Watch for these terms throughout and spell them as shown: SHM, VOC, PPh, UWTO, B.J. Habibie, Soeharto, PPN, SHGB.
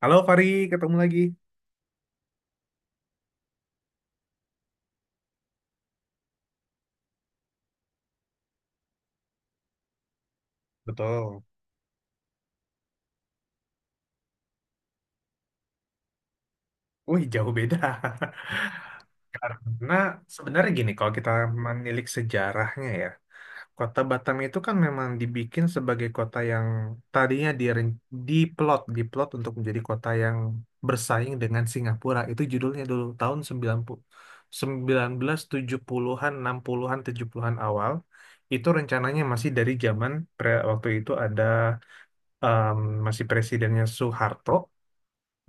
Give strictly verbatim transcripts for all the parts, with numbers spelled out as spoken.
Halo Fari, ketemu lagi. Betul. Wih, jauh beda. Karena sebenarnya gini, kalau kita menilik sejarahnya, ya, kota Batam itu kan memang dibikin sebagai kota yang tadinya diren- diplot, diplot untuk menjadi kota yang bersaing dengan Singapura. Itu judulnya dulu, tahun sembilan puluh, seribu sembilan ratus tujuh puluh-an, enam puluh-an, tujuh puluh-an awal. Itu rencananya masih dari zaman pre- waktu itu ada em, masih presidennya Soeharto.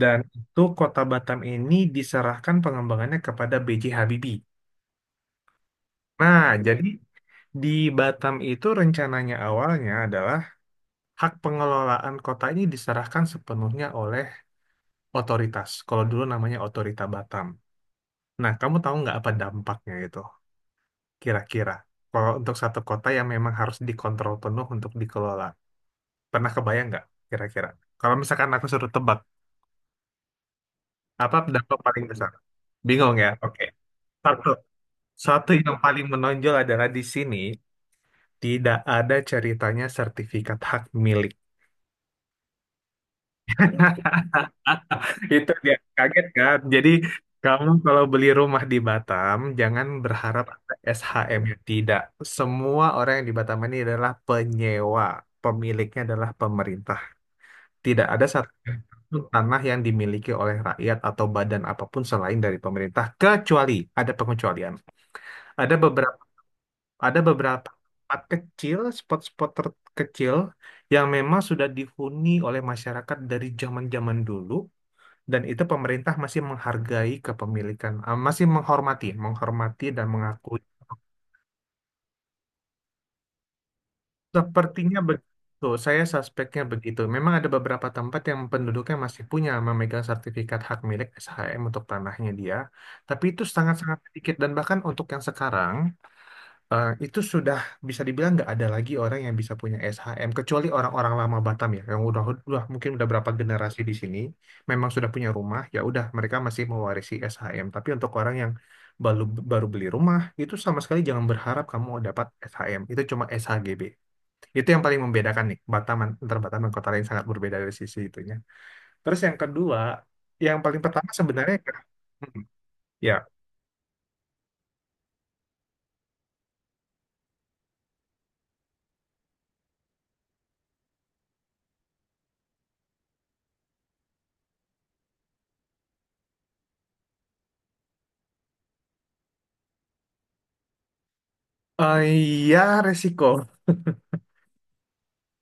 Dan itu Kota Batam ini diserahkan pengembangannya kepada B J. Habibie. Nah, jadi di Batam itu rencananya awalnya adalah hak pengelolaan kota ini diserahkan sepenuhnya oleh otoritas. Kalau dulu namanya Otorita Batam. Nah, kamu tahu nggak apa dampaknya itu kira-kira? Kalau untuk satu kota yang memang harus dikontrol penuh untuk dikelola. Pernah kebayang nggak kira-kira? Kalau misalkan aku suruh tebak, apa dampak paling besar? Bingung, ya? Oke. Satu, Satu yang paling menonjol adalah di sini tidak ada ceritanya sertifikat hak milik. Itu dia kaget, kan. Jadi kamu kalau beli rumah di Batam jangan berharap ada S H M, ya. Tidak. Semua orang yang di Batam ini adalah penyewa. Pemiliknya adalah pemerintah. Tidak ada satu tanah yang dimiliki oleh rakyat atau badan apapun selain dari pemerintah kecuali ada pengecualian. Ada beberapa Ada beberapa tempat kecil, spot-spot terkecil yang memang sudah dihuni oleh masyarakat dari zaman-zaman dulu, dan itu pemerintah masih menghargai kepemilikan, eh, masih menghormati, menghormati dan mengakui. Sepertinya begitu, saya suspeknya begitu. Memang ada beberapa tempat yang penduduknya masih punya memegang sertifikat hak milik S H M untuk tanahnya dia, tapi itu sangat-sangat sedikit, dan bahkan untuk yang sekarang eh, itu sudah bisa dibilang nggak ada lagi orang yang bisa punya S H M kecuali orang-orang lama Batam, ya, yang udah udah mungkin udah berapa generasi di sini memang sudah punya rumah, ya udah mereka masih mewarisi S H M. Tapi untuk orang yang baru baru beli rumah itu sama sekali jangan berharap kamu dapat S H M, itu cuma S H G B. Itu yang paling membedakan nih Batam, antar Batam dan kota lain sangat berbeda dari sisi itunya. Terus yang kedua, yang paling pertama sebenarnya. Hmm, ya. Eh, ya, resiko.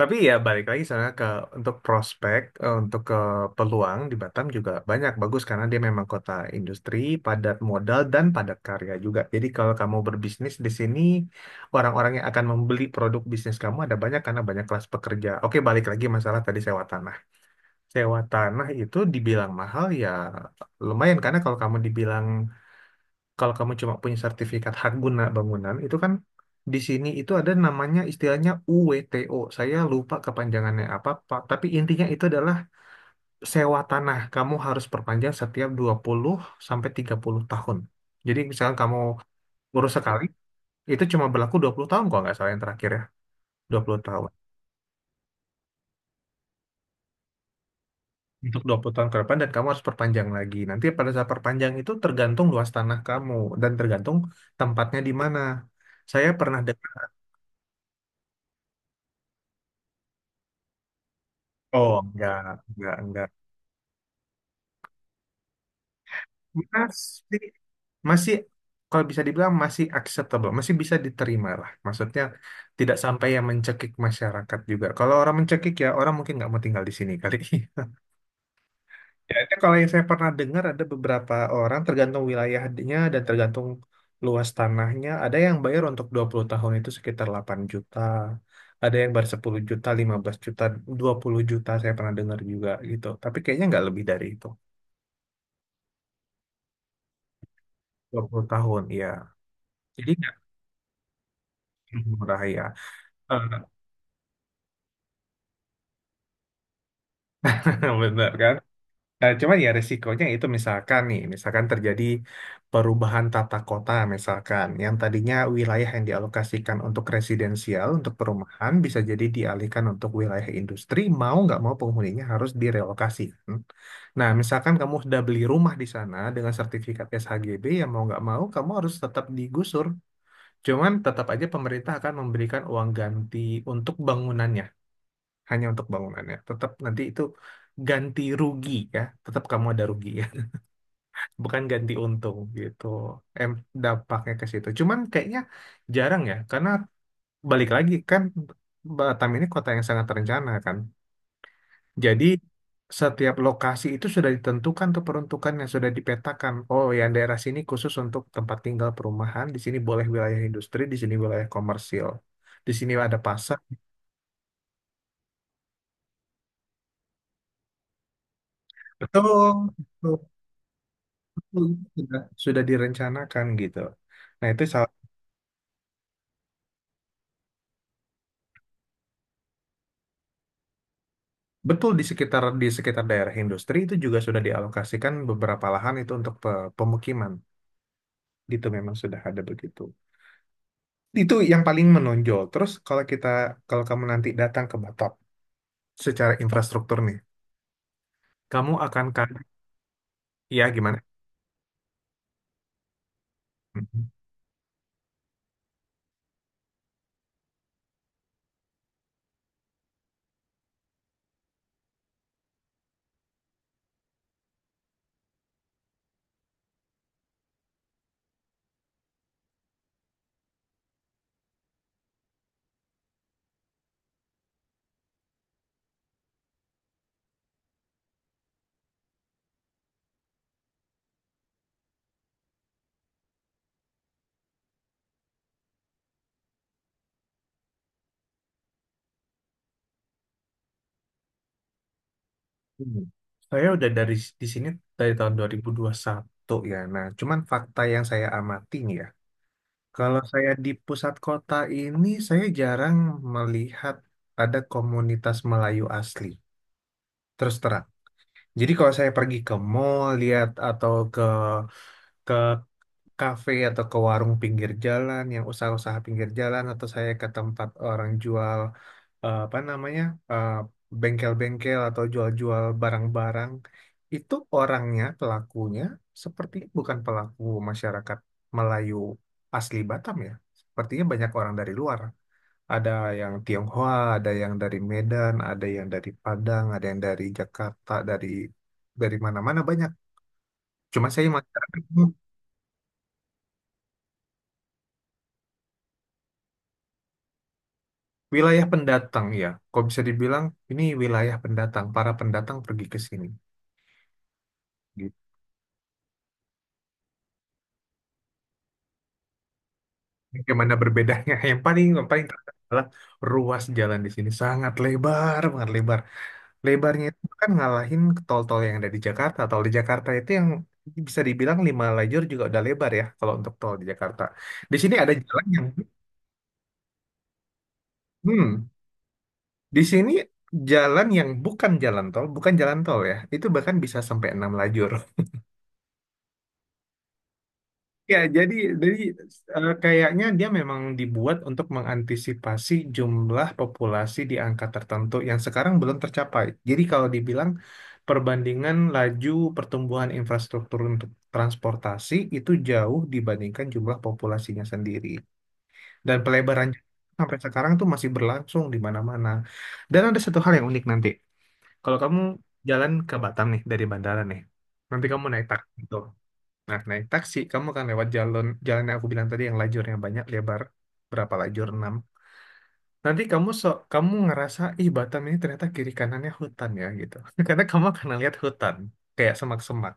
Tapi ya balik lagi sana ke untuk prospek, eh, untuk ke peluang di Batam juga banyak bagus karena dia memang kota industri, padat modal dan padat karya juga. Jadi kalau kamu berbisnis di sini, orang-orang yang akan membeli produk bisnis kamu ada banyak karena banyak kelas pekerja. Oke, balik lagi masalah tadi sewa tanah. Sewa tanah itu dibilang mahal, ya, lumayan. Karena kalau kamu dibilang kalau kamu cuma punya sertifikat hak guna bangunan, itu kan di sini itu ada namanya istilahnya U W T O. Saya lupa kepanjangannya apa, Pak. Tapi intinya itu adalah sewa tanah. Kamu harus perpanjang setiap dua puluh sampai tiga puluh tahun. Jadi misalkan kamu urus sekali, itu cuma berlaku dua puluh tahun kalau nggak salah yang terakhir, ya. Dua puluh tahun. Untuk dua puluh tahun ke depan dan kamu harus perpanjang lagi. Nanti pada saat perpanjang itu tergantung luas tanah kamu dan tergantung tempatnya di mana. Saya pernah dengar, oh enggak, enggak, enggak. Masih, masih kalau bisa dibilang masih acceptable, masih bisa diterima lah. Maksudnya tidak sampai yang mencekik masyarakat juga. Kalau orang mencekik, ya, orang mungkin nggak mau tinggal di sini kali. Ya, itu kalau yang saya pernah dengar ada beberapa orang tergantung wilayahnya dan tergantung luas tanahnya, ada yang bayar untuk dua puluh tahun itu sekitar delapan juta, ada yang bayar sepuluh juta, lima belas juta, dua puluh juta saya pernah dengar juga gitu. Tapi kayaknya nggak lebih dari itu. Dua puluh tahun, ya. Jadi nggak murah, ya. Eh, Bener, kan? Eh, cuman ya resikonya itu misalkan nih, misalkan terjadi perubahan tata kota misalkan, yang tadinya wilayah yang dialokasikan untuk residensial, untuk perumahan, bisa jadi dialihkan untuk wilayah industri, mau nggak mau penghuninya harus direlokasi. Nah, misalkan kamu sudah beli rumah di sana dengan sertifikat S H G B, ya mau nggak mau kamu harus tetap digusur. Cuman tetap aja pemerintah akan memberikan uang ganti untuk bangunannya hanya untuk bangunannya. Tetap nanti itu ganti rugi, ya, tetap kamu ada rugi, ya, bukan ganti untung gitu. Em dampaknya ke situ. Cuman kayaknya jarang, ya, karena balik lagi kan Batam ini kota yang sangat terencana, kan. Jadi setiap lokasi itu sudah ditentukan tuh peruntukannya sudah dipetakan. Oh, yang daerah sini khusus untuk tempat tinggal perumahan, di sini boleh wilayah industri, di sini wilayah komersil, di sini ada pasar. Betul. sudah sudah direncanakan gitu. Nah, itu salah- betul, di sekitar di sekitar daerah industri itu juga sudah dialokasikan beberapa lahan itu untuk pe- pemukiman. Itu memang sudah ada begitu. Itu yang paling menonjol. Terus kalau kita kalau kamu nanti datang ke Batok, secara infrastruktur nih, kamu akan kaget, ya, gimana? Mhm. Hmm. Saya udah dari s- di sini dari tahun dua dua ribu dua puluh satu, ya. Nah, cuman fakta yang saya amati nih, ya. Kalau saya di pusat kota ini, saya jarang melihat ada komunitas Melayu asli. Terus terang. Jadi kalau saya pergi ke mall, lihat atau ke ke kafe atau ke warung pinggir jalan yang usaha-usaha pinggir jalan atau saya ke tempat orang jual eh, apa namanya, eh, bengkel-bengkel atau jual-jual barang-barang, itu orangnya pelakunya seperti bukan pelaku masyarakat Melayu asli Batam, ya. Sepertinya banyak orang dari luar, ada yang Tionghoa, ada yang dari Medan, ada yang dari Padang, ada yang dari Jakarta, dari dari mana-mana banyak. Cuma saya masyarakat. Wilayah pendatang, ya, kok bisa dibilang ini wilayah pendatang, para pendatang pergi ke sini. Gitu. Bagaimana berbedanya? Yang paling yang paling terasa adalah ruas jalan di sini sangat lebar, banget lebar. Lebarnya itu kan ngalahin tol-tol yang ada di Jakarta. Tol di Jakarta itu yang bisa dibilang lima lajur juga udah lebar, ya, kalau untuk tol di Jakarta. Di sini ada jalan yang hmm, di sini jalan yang bukan jalan tol, bukan jalan tol, ya. Itu bahkan bisa sampai enam lajur. Ya, jadi jadi eh, kayaknya dia memang dibuat untuk mengantisipasi jumlah populasi di angka tertentu yang sekarang belum tercapai. Jadi kalau dibilang perbandingan laju pertumbuhan infrastruktur untuk transportasi itu jauh dibandingkan jumlah populasinya sendiri. Dan pelebaran sampai sekarang tuh masih berlangsung di mana-mana. Dan ada satu hal yang unik nanti. Kalau kamu jalan ke Batam nih dari bandara nih, nanti kamu naik taksi gitu. Nah, naik taksi, kamu akan lewat jalan jalan yang aku bilang tadi yang lajurnya banyak, lebar berapa lajur? Enam. Nanti kamu so, kamu ngerasa, ih Batam ini ternyata kiri kanannya hutan, ya, gitu. Karena kamu akan lihat hutan, kayak semak-semak.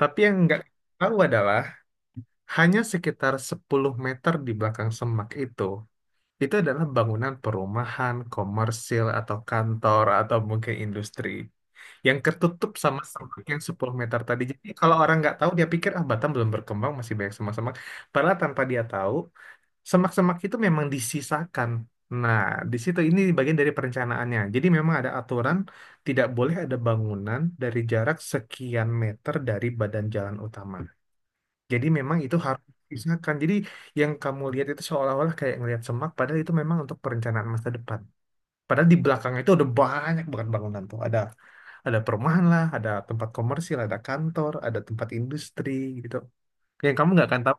Tapi yang nggak tahu adalah, hanya sekitar sepuluh meter di belakang semak itu, itu adalah bangunan perumahan, komersil, atau kantor, atau mungkin industri yang ketutup sama semak yang sepuluh meter tadi. Jadi kalau orang nggak tahu dia pikir, ah Batam belum berkembang masih banyak semak-semak. Padahal tanpa dia tahu semak-semak itu memang disisakan. Nah, di situ ini bagian dari perencanaannya. Jadi memang ada aturan tidak boleh ada bangunan dari jarak sekian meter dari badan jalan utama. Jadi memang itu harus disisakan. Jadi yang kamu lihat itu seolah-olah kayak ngelihat semak, padahal itu memang untuk perencanaan masa depan. Padahal di belakangnya itu ada banyak banget bangunan tuh. Ada ada perumahan lah, ada tempat komersil, ada kantor, ada tempat industri gitu. Yang kamu nggak akan tahu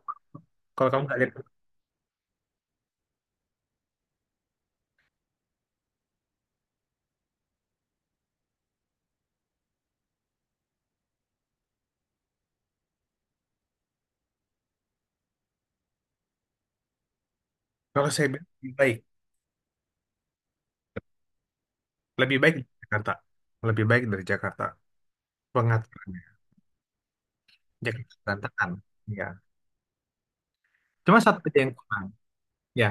kalau kamu nggak lihat. Kalau saya bilang lebih baik, lebih baik dari Jakarta, lebih baik dari Jakarta pengaturannya, Jakarta berantakan. Iya. Cuma satu aja yang kurang. Ya,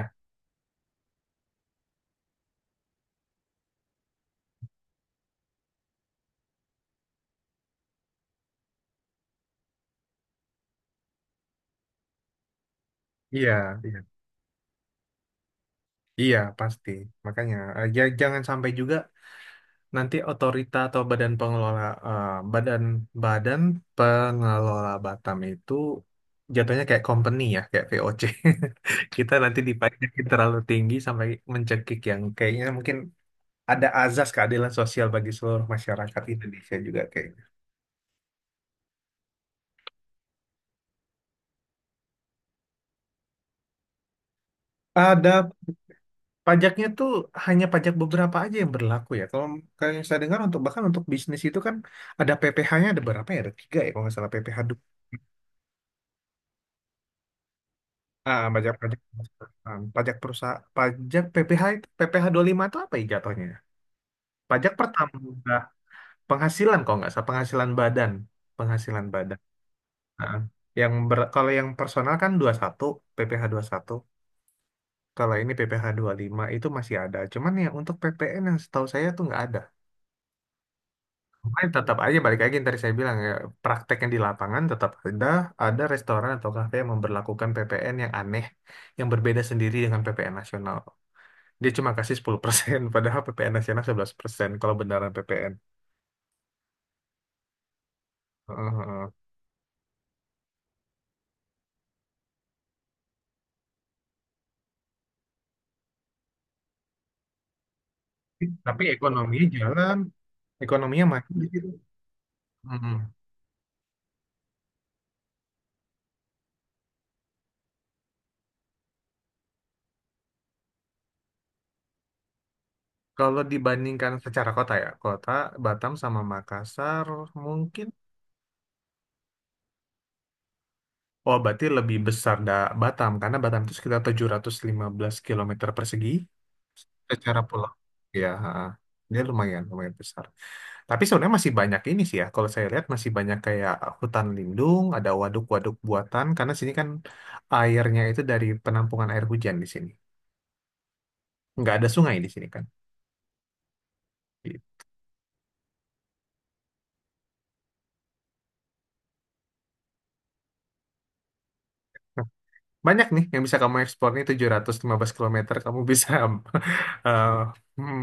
iya, iya, iya pasti. Makanya eh, ja- jangan sampai juga. Nanti otorita atau badan pengelola eh, badan, badan pengelola Batam itu jatuhnya kayak company, ya, kayak V O C. Kita nanti dipajakin terlalu tinggi sampai mencekik yang kayaknya mungkin ada azas keadilan sosial bagi seluruh masyarakat Indonesia juga kayaknya. Ada pajaknya tuh hanya pajak beberapa aja yang berlaku, ya. Kalau kalau yang saya dengar untuk bahkan untuk bisnis itu kan ada PPh-nya ada berapa, ya? Ada tiga, ya, kalau nggak salah PPh. Ah, pajak pajak perusahaan, pajak perusahaan, pajak PPh itu PPh lima itu apa, ya, jatuhnya? Pajak pertambah penghasilan kalau nggak salah penghasilan badan, penghasilan badan. Ah, yang ber- kalau yang personal kan dua puluh satu PPh satu. Kalau ini PPh lima itu masih ada. Cuman ya untuk P P N yang setahu saya tuh nggak ada. Makanya tetap aja balik lagi yang tadi saya bilang, ya, prakteknya di lapangan tetap ada ada restoran atau kafe yang memberlakukan P P N yang aneh, yang berbeda sendiri dengan P P N nasional. Dia cuma kasih sepuluh persen padahal P P N nasional sebelas persen kalau beneran P P N. Heeh, heeh. Tapi ekonominya jalan, ekonominya maju di situ. Mm-mm. Kalau dibandingkan secara kota, ya, kota Batam sama Makassar mungkin, oh berarti lebih besar, da Batam, karena Batam itu sekitar tujuh ratus lima belas kilometer persegi, secara pulau. Ya ha. Dia lumayan, lumayan besar tapi sebenarnya masih banyak ini sih, ya, kalau saya lihat masih banyak kayak hutan lindung, ada waduk-waduk buatan karena sini kan airnya itu dari penampungan air hujan di sini, nggak ada sungai di sini, kan. Gitu. Nah, banyak nih yang bisa kamu eksplor nih, tujuh ratus lima belas kilometer kamu bisa eh,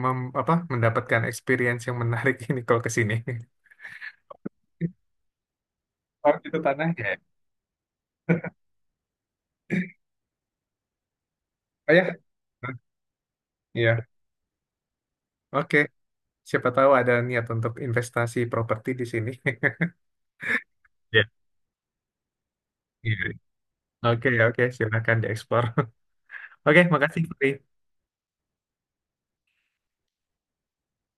mem- apa mendapatkan experience yang menarik ini kalau ke sini. Oh, itu tanahnya, ya. Oh ya, iya. Oke. Siapa tahu ada niat untuk investasi properti di sini. Ya, iya. Oke, oke, silakan dieksplor. Oke, makasih, Putri.